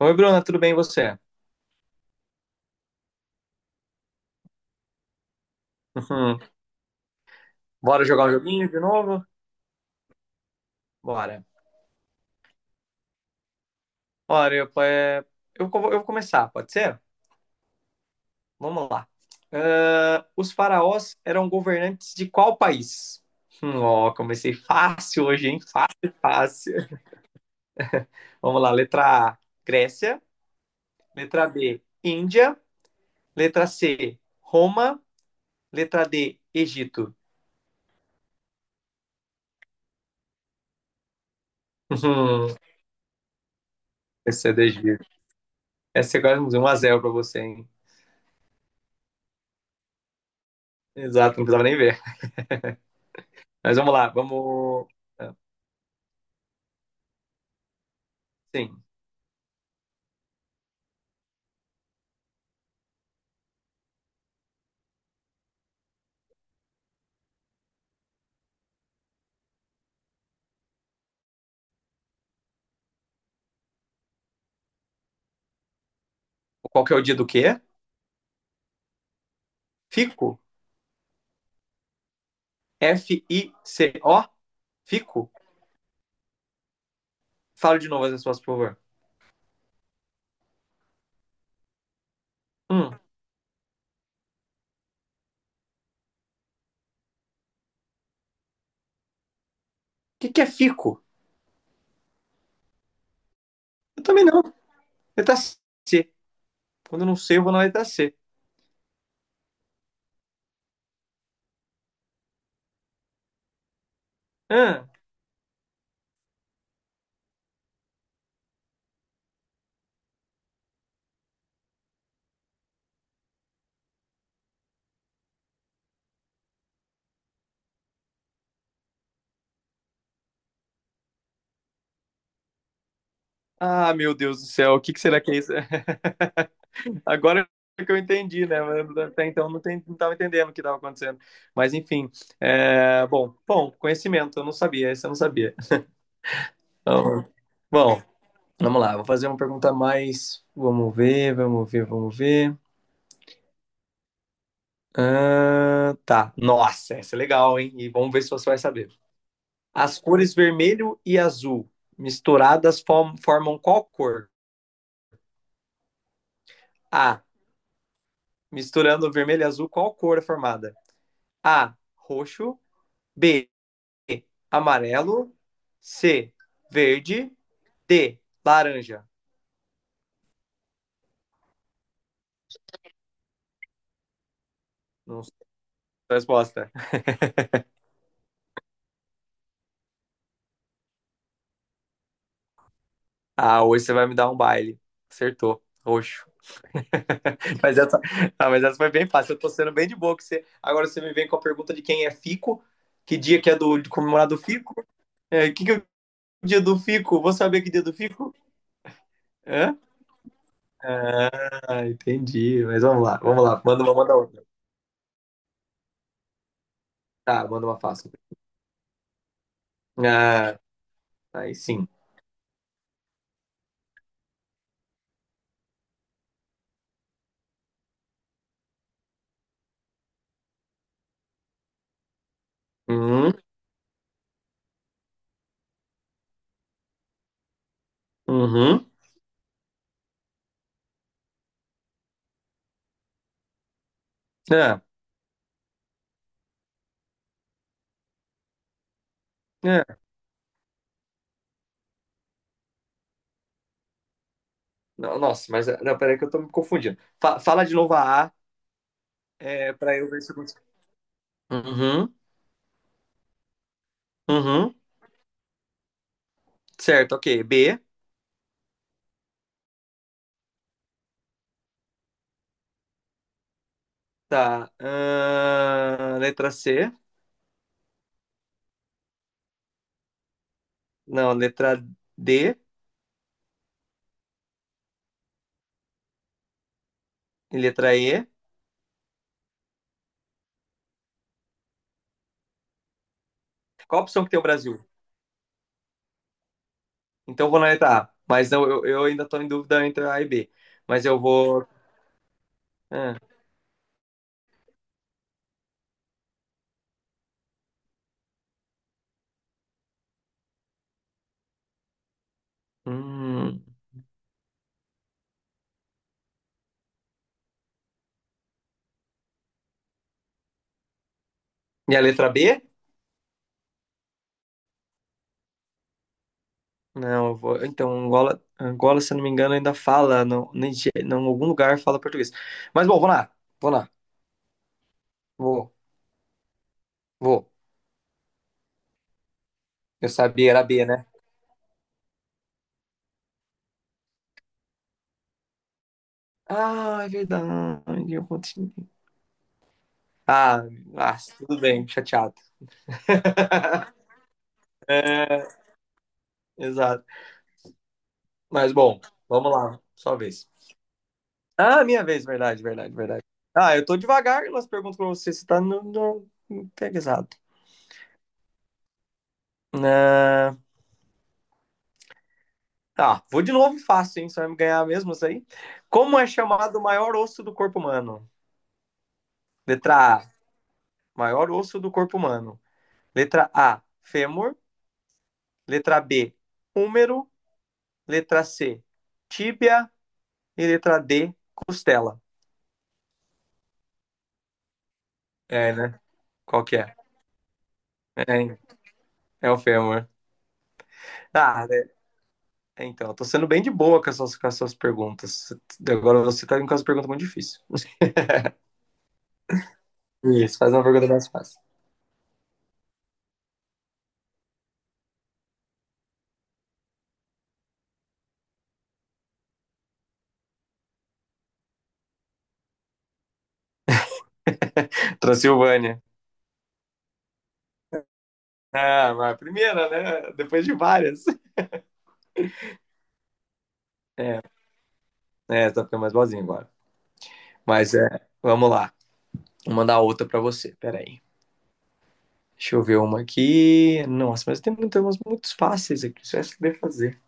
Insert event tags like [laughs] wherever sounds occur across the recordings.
Oi, Bruna, tudo bem e você? Uhum. Bora jogar um joguinho de novo? Bora. Olha, eu vou começar, pode ser? Vamos lá. Os faraós eram governantes de qual país? Ó, comecei fácil hoje, hein? Fácil, fácil. Vamos lá, letra A, Grécia. Letra B, Índia. Letra C, Roma. Letra D, Egito. Uhum. Essa é do Egito. Essa é quase um 1 x pra você, hein? Exato, não precisava nem ver. Mas vamos lá, vamos. Sim. Qual que é o dia do quê? Fico. F-I-C-O. Fico. Fala de novo as respostas, por favor. Hum. O que é fico? Eu também não. Letra C. Quando eu não sei, eu vou na letra C. Ah. Ah, meu Deus do céu. O que será que é isso? [laughs] Agora é que eu entendi, né? Mas até então não, estava entendendo o que estava acontecendo. Mas enfim. Bom, bom, conhecimento. Eu não sabia. Esse eu não sabia. Então, bom, vamos lá. Vou fazer uma pergunta mais. Vamos ver, vamos ver, vamos ver. Ah, tá. Nossa, essa é legal, hein? E vamos ver se você vai saber. As cores vermelho e azul misturadas formam qual cor? A. Misturando vermelho e azul, qual cor é formada? A. Roxo. B. Amarelo. C. Verde. D. Laranja. Não sei a resposta. Ah, hoje você vai me dar um baile. Acertou. Roxo. [laughs] Mas essa, ah, mas essa foi bem fácil. Eu tô sendo bem de boa. Que você... Agora você me vem com a pergunta de quem é Fico. Que dia que é do de comemorar do Fico? É, que é o dia do Fico? Vou saber que dia do Fico? Hã? Ah, entendi. Mas vamos lá, vamos lá. Manda uma, manda outra. Tá, manda uma fácil. Ah, aí sim. Uhum, uhum. Ah, ah. Não, nossa, mas não, peraí que eu tô me confundindo. Fala de novo a A, é, pra eu ver se eu consigo. Uhum, uhum. Certo, ok. B. Tá. Letra C. Não, letra D e letra E. Qual a opção que tem o Brasil? Então eu vou na letra A. Mas não, eu ainda tô em dúvida entre A e B. Mas eu vou. Ah, hum. E a letra B? Não, eu vou. Então, Angola, Angola, se eu não me engano, ainda fala. Não, não, em algum lugar fala português. Mas bom, vou lá. Vou lá. Vou, vou. Eu sabia, era B, né? Ah, é verdade. Eu continuo. Ah, ah, tudo bem, chateado. [laughs] É, exato. Mas bom, vamos lá, sua vez. Ah, minha vez, verdade, verdade, verdade. Ah, eu tô devagar nas perguntas pra você, você tá no pega exato. Ah, ah, vou de novo fácil, hein? Você vai me ganhar mesmo isso aí? Como é chamado o maior osso do corpo humano? Letra A, maior osso do corpo humano. Letra A, fêmur. Letra B, húmero. Letra C, tíbia. E letra D, costela. É, né? Qual que é? É, é o fêmur. Ah, é, então, eu tô sendo bem de boa com com as suas perguntas. Agora você tá indo com as perguntas muito difíceis. [laughs] Isso, faz uma pergunta mais fácil. Transilvânia. Ah, mas a primeira, né? Depois de várias. É, tá ficando mais boazinha agora. Mas é, vamos lá. Vou mandar outra pra você. Peraí. Deixa eu ver uma aqui. Nossa, mas tem muitas umas muito fáceis aqui. Só essa que deve fazer.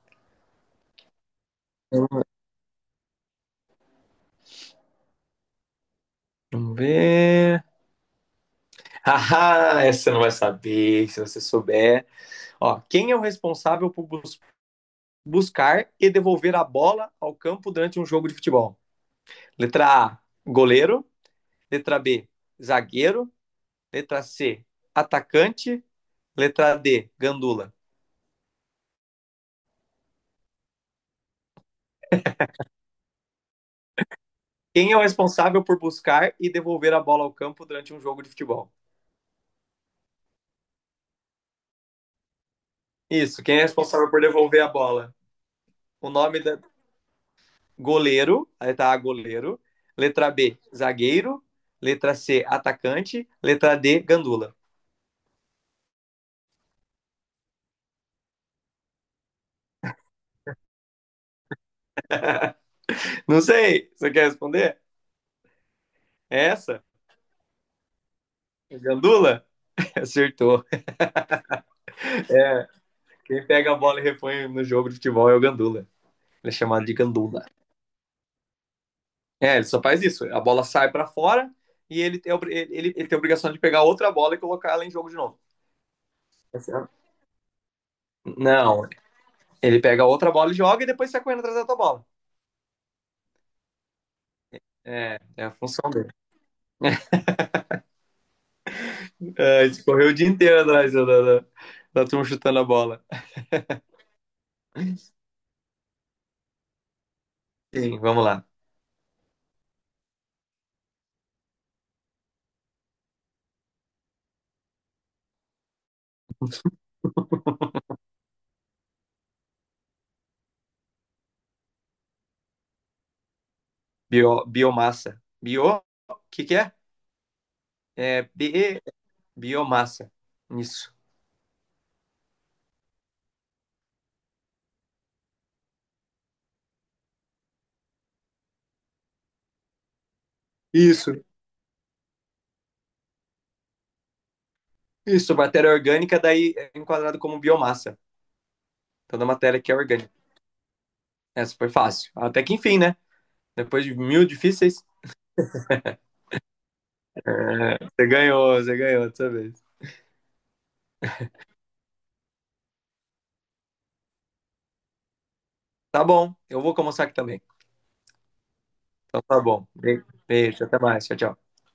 Vamos ver. [laughs] Ah, essa você não vai saber se você souber. Ó, quem é o responsável por, buscar e devolver a bola ao campo durante um jogo de futebol? Letra A, goleiro. Letra B, zagueiro. Letra C, atacante. Letra D, gandula. Quem é o responsável por buscar e devolver a bola ao campo durante um jogo de futebol? Isso, quem é responsável por devolver a bola? O nome da goleiro, a letra A, goleiro. Letra B, zagueiro. Letra C, atacante. Letra D, gandula. Não sei, você quer responder? É essa? É Gandula? [laughs] Acertou. Quem pega a bola e repõe no jogo de futebol é o Gandula. Ele é chamado de Gandula. É, ele só faz isso. A bola sai para fora e ele tem a obrigação de pegar outra bola e colocar ela em jogo de novo. Não, ele pega outra bola e joga e depois sai correndo atrás da tua bola. É, é a função dele. É, ele correu o dia inteiro atrás da turma chutando a bola. Sim, vamos lá. Bio, biomassa. Bio, o que que é? É, bi, biomassa. Isso. Isso, isso, matéria orgânica daí é enquadrado como biomassa. Toda matéria que é orgânica. Essa foi fácil. Até que enfim, né? Depois de mil difíceis, é, você ganhou dessa vez. Tá bom, eu vou almoçar aqui também. Então tá bom. Beijo, até mais. Tchau, tchau.